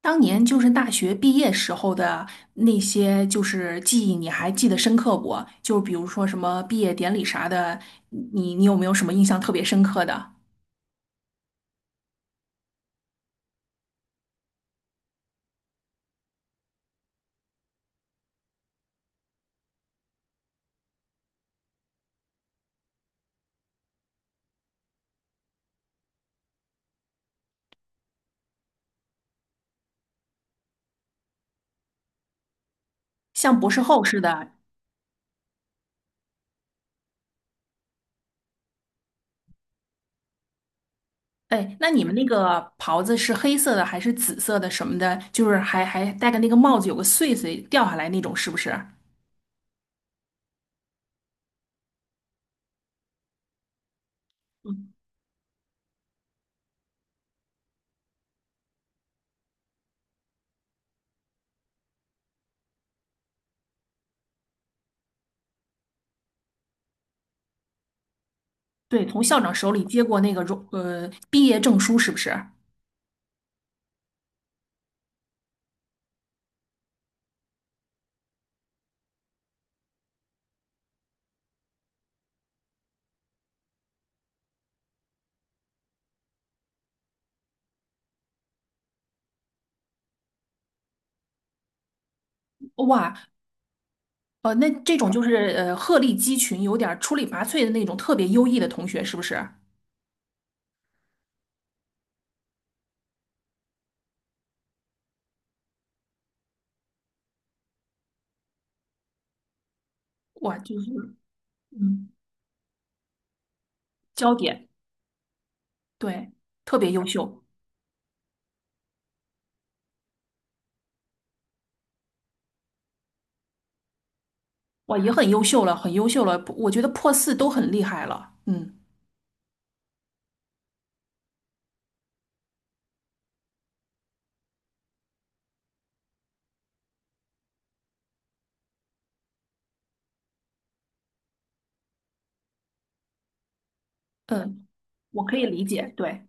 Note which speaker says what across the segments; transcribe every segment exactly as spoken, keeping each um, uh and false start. Speaker 1: 当年就是大学毕业时候的那些，就是记忆，你还记得深刻不？就比如说什么毕业典礼啥的，你你有没有什么印象特别深刻的？像博士后似的。哎，那你们那个袍子是黑色的还是紫色的什么的？就是还还戴个那个帽子，有个穗穗掉下来那种，是不是？嗯，对，从校长手里接过那个荣呃毕业证书，是不是？哇，呃，那这种就是呃鹤立鸡群，有点儿出类拔萃的那种特别优异的同学，是不是？哇，就是嗯，焦点，对，特别优秀。哇，也很优秀了，很优秀了，我觉得破四都很厉害了，嗯嗯，我可以理解，对。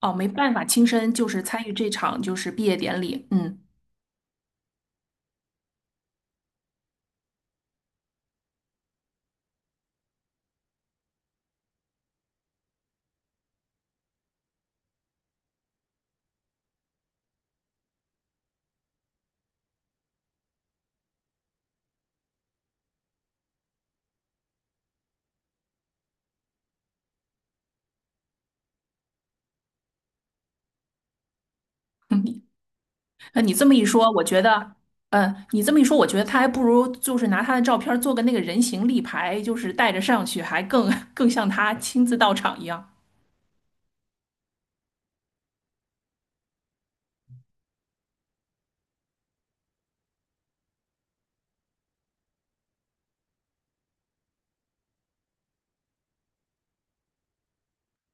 Speaker 1: 哦，没办法，亲身就是参与这场就是毕业典礼，嗯。那你这么一说，我觉得，嗯，你这么一说，我觉得他还不如就是拿他的照片儿做个那个人形立牌，就是带着上去，还更 更像他亲自到场一样。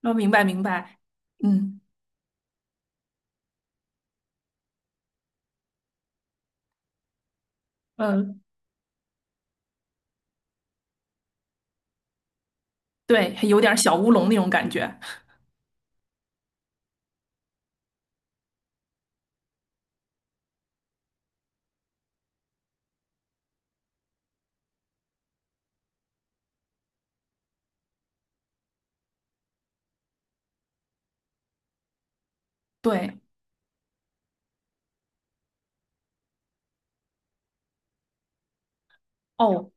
Speaker 1: 哦，明白明白，嗯嗯，呃对，还有点儿小乌龙那种感觉，对。哦，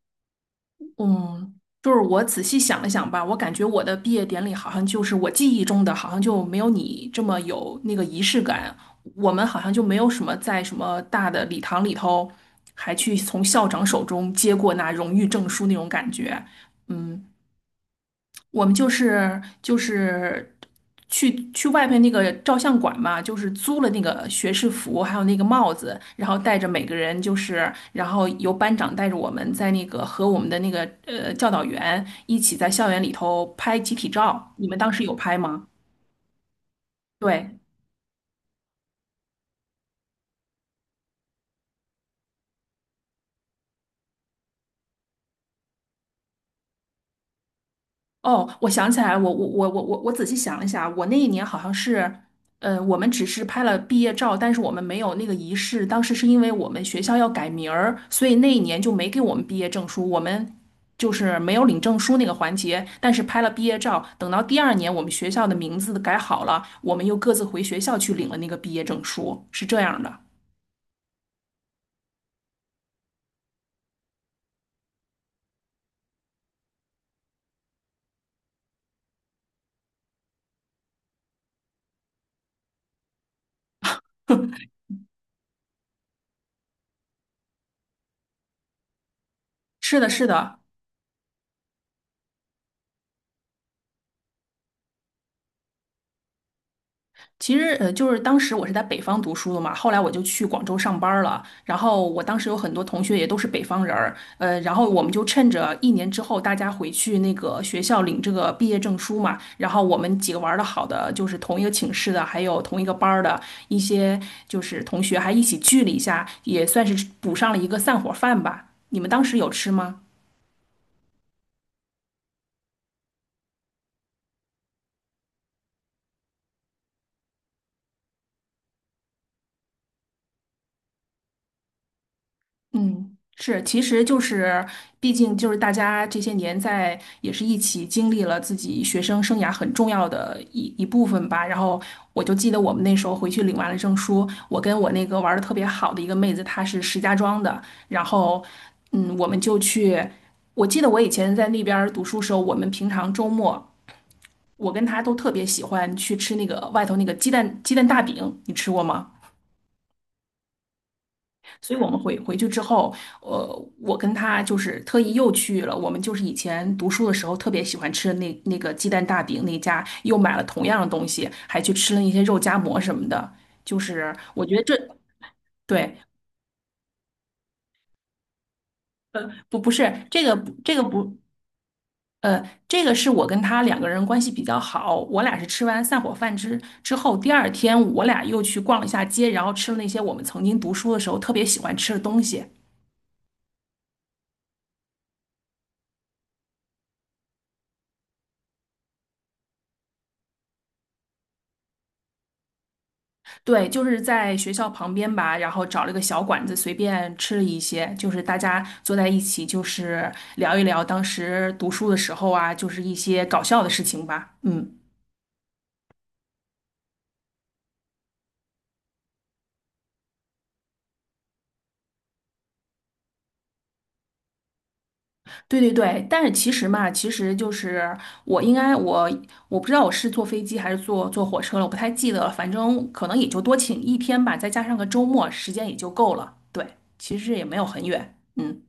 Speaker 1: 嗯，就是我仔细想了想吧，我感觉我的毕业典礼好像就是我记忆中的，好像就没有你这么有那个仪式感。我们好像就没有什么在什么大的礼堂里头，还去从校长手中接过那荣誉证书那种感觉。嗯，我们就是就是去去外面那个照相馆嘛，就是租了那个学士服，还有那个帽子，然后带着每个人就是，然后由班长带着我们在那个和我们的那个呃教导员一起在校园里头拍集体照。你们当时有拍吗？对。哦，我想起来了我我我我我我仔细想了一下，我那一年好像是，呃，我们只是拍了毕业照，但是我们没有那个仪式。当时是因为我们学校要改名儿，所以那一年就没给我们毕业证书，我们就是没有领证书那个环节，但是拍了毕业照。等到第二年我们学校的名字改好了，我们又各自回学校去领了那个毕业证书，是这样的。是的，是的。其实，呃，就是当时我是在北方读书的嘛，后来我就去广州上班儿了。然后我当时有很多同学也都是北方人儿，呃，然后我们就趁着一年之后大家回去那个学校领这个毕业证书嘛，然后我们几个玩儿的好的，就是同一个寝室的，还有同一个班儿的一些就是同学，还一起聚了一下，也算是补上了一个散伙饭吧。你们当时有吃吗？嗯，是，其实就是，毕竟就是大家这些年在也是一起经历了自己学生生涯很重要的一一部分吧。然后我就记得我们那时候回去领完了证书，我跟我那个玩的特别好的一个妹子，她是石家庄的，然后嗯，我们就去。我记得我以前在那边儿读书时候，我们平常周末，我跟她都特别喜欢去吃那个外头那个鸡蛋鸡蛋大饼，你吃过吗？所以我们回回去之后，呃，我跟他就是特意又去了，我们就是以前读书的时候特别喜欢吃的那那个鸡蛋大饼那家，又买了同样的东西，还去吃了一些肉夹馍什么的。就是我觉得这对，呃，不不是这个不这个不。呃，这个是我跟他两个人关系比较好，我俩是吃完散伙饭之之后，第二天我俩又去逛了一下街，然后吃了那些我们曾经读书的时候特别喜欢吃的东西。对，就是在学校旁边吧，然后找了个小馆子，随便吃了一些，就是大家坐在一起，就是聊一聊当时读书的时候啊，就是一些搞笑的事情吧。嗯，对对对。但是其实嘛，其实就是我应该我我不知道我是坐飞机还是坐坐火车了，我不太记得了。反正可能也就多请一天吧，再加上个周末，时间也就够了。对，其实也没有很远。嗯。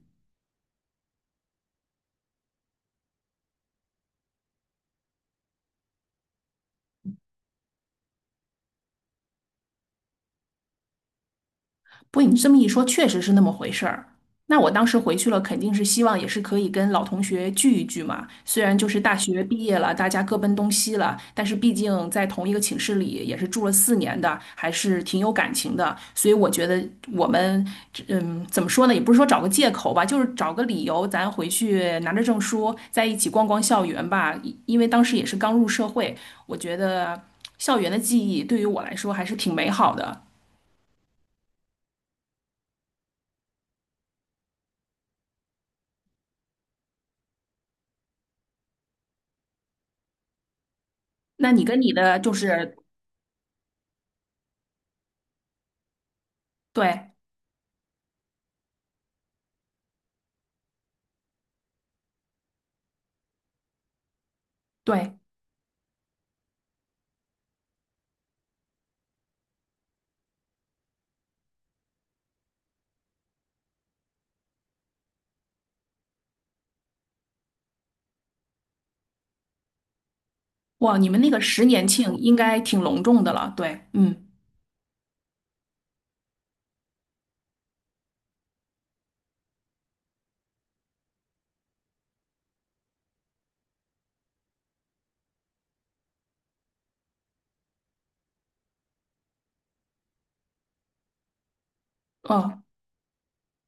Speaker 1: 不过你这么一说，确实是那么回事儿。那我当时回去了，肯定是希望也是可以跟老同学聚一聚嘛。虽然就是大学毕业了，大家各奔东西了，但是毕竟在同一个寝室里也是住了四年的，还是挺有感情的。所以我觉得我们，嗯，怎么说呢？也不是说找个借口吧，就是找个理由，咱回去拿着证书在一起逛逛校园吧。因为当时也是刚入社会，我觉得校园的记忆对于我来说还是挺美好的。那你跟你的就是对对，哇，你们那个十年庆应该挺隆重的了，对，嗯。哦，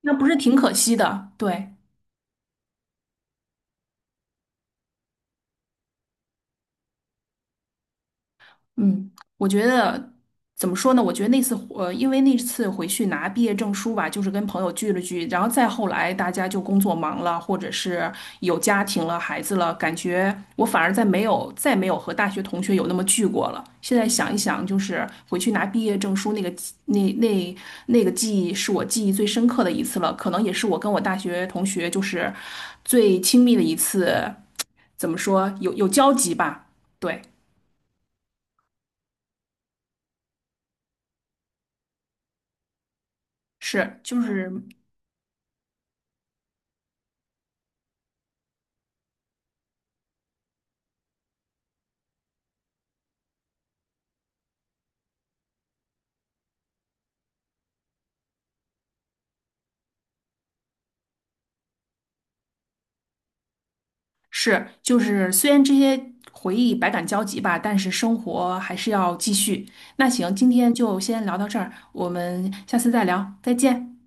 Speaker 1: 那不是挺可惜的，对。嗯，我觉得怎么说呢？我觉得那次呃，因为那次回去拿毕业证书吧，就是跟朋友聚了聚，然后再后来大家就工作忙了，或者是有家庭了、孩子了，感觉我反而再没有再没有和大学同学有那么聚过了。现在想一想，就是回去拿毕业证书那个记那那那个记忆，是我记忆最深刻的一次了，可能也是我跟我大学同学就是最亲密的一次，怎么说有有交集吧？对，是就是。是，就是虽然这些回忆百感交集吧，但是生活还是要继续。那行，今天就先聊到这儿，我们下次再聊，再见。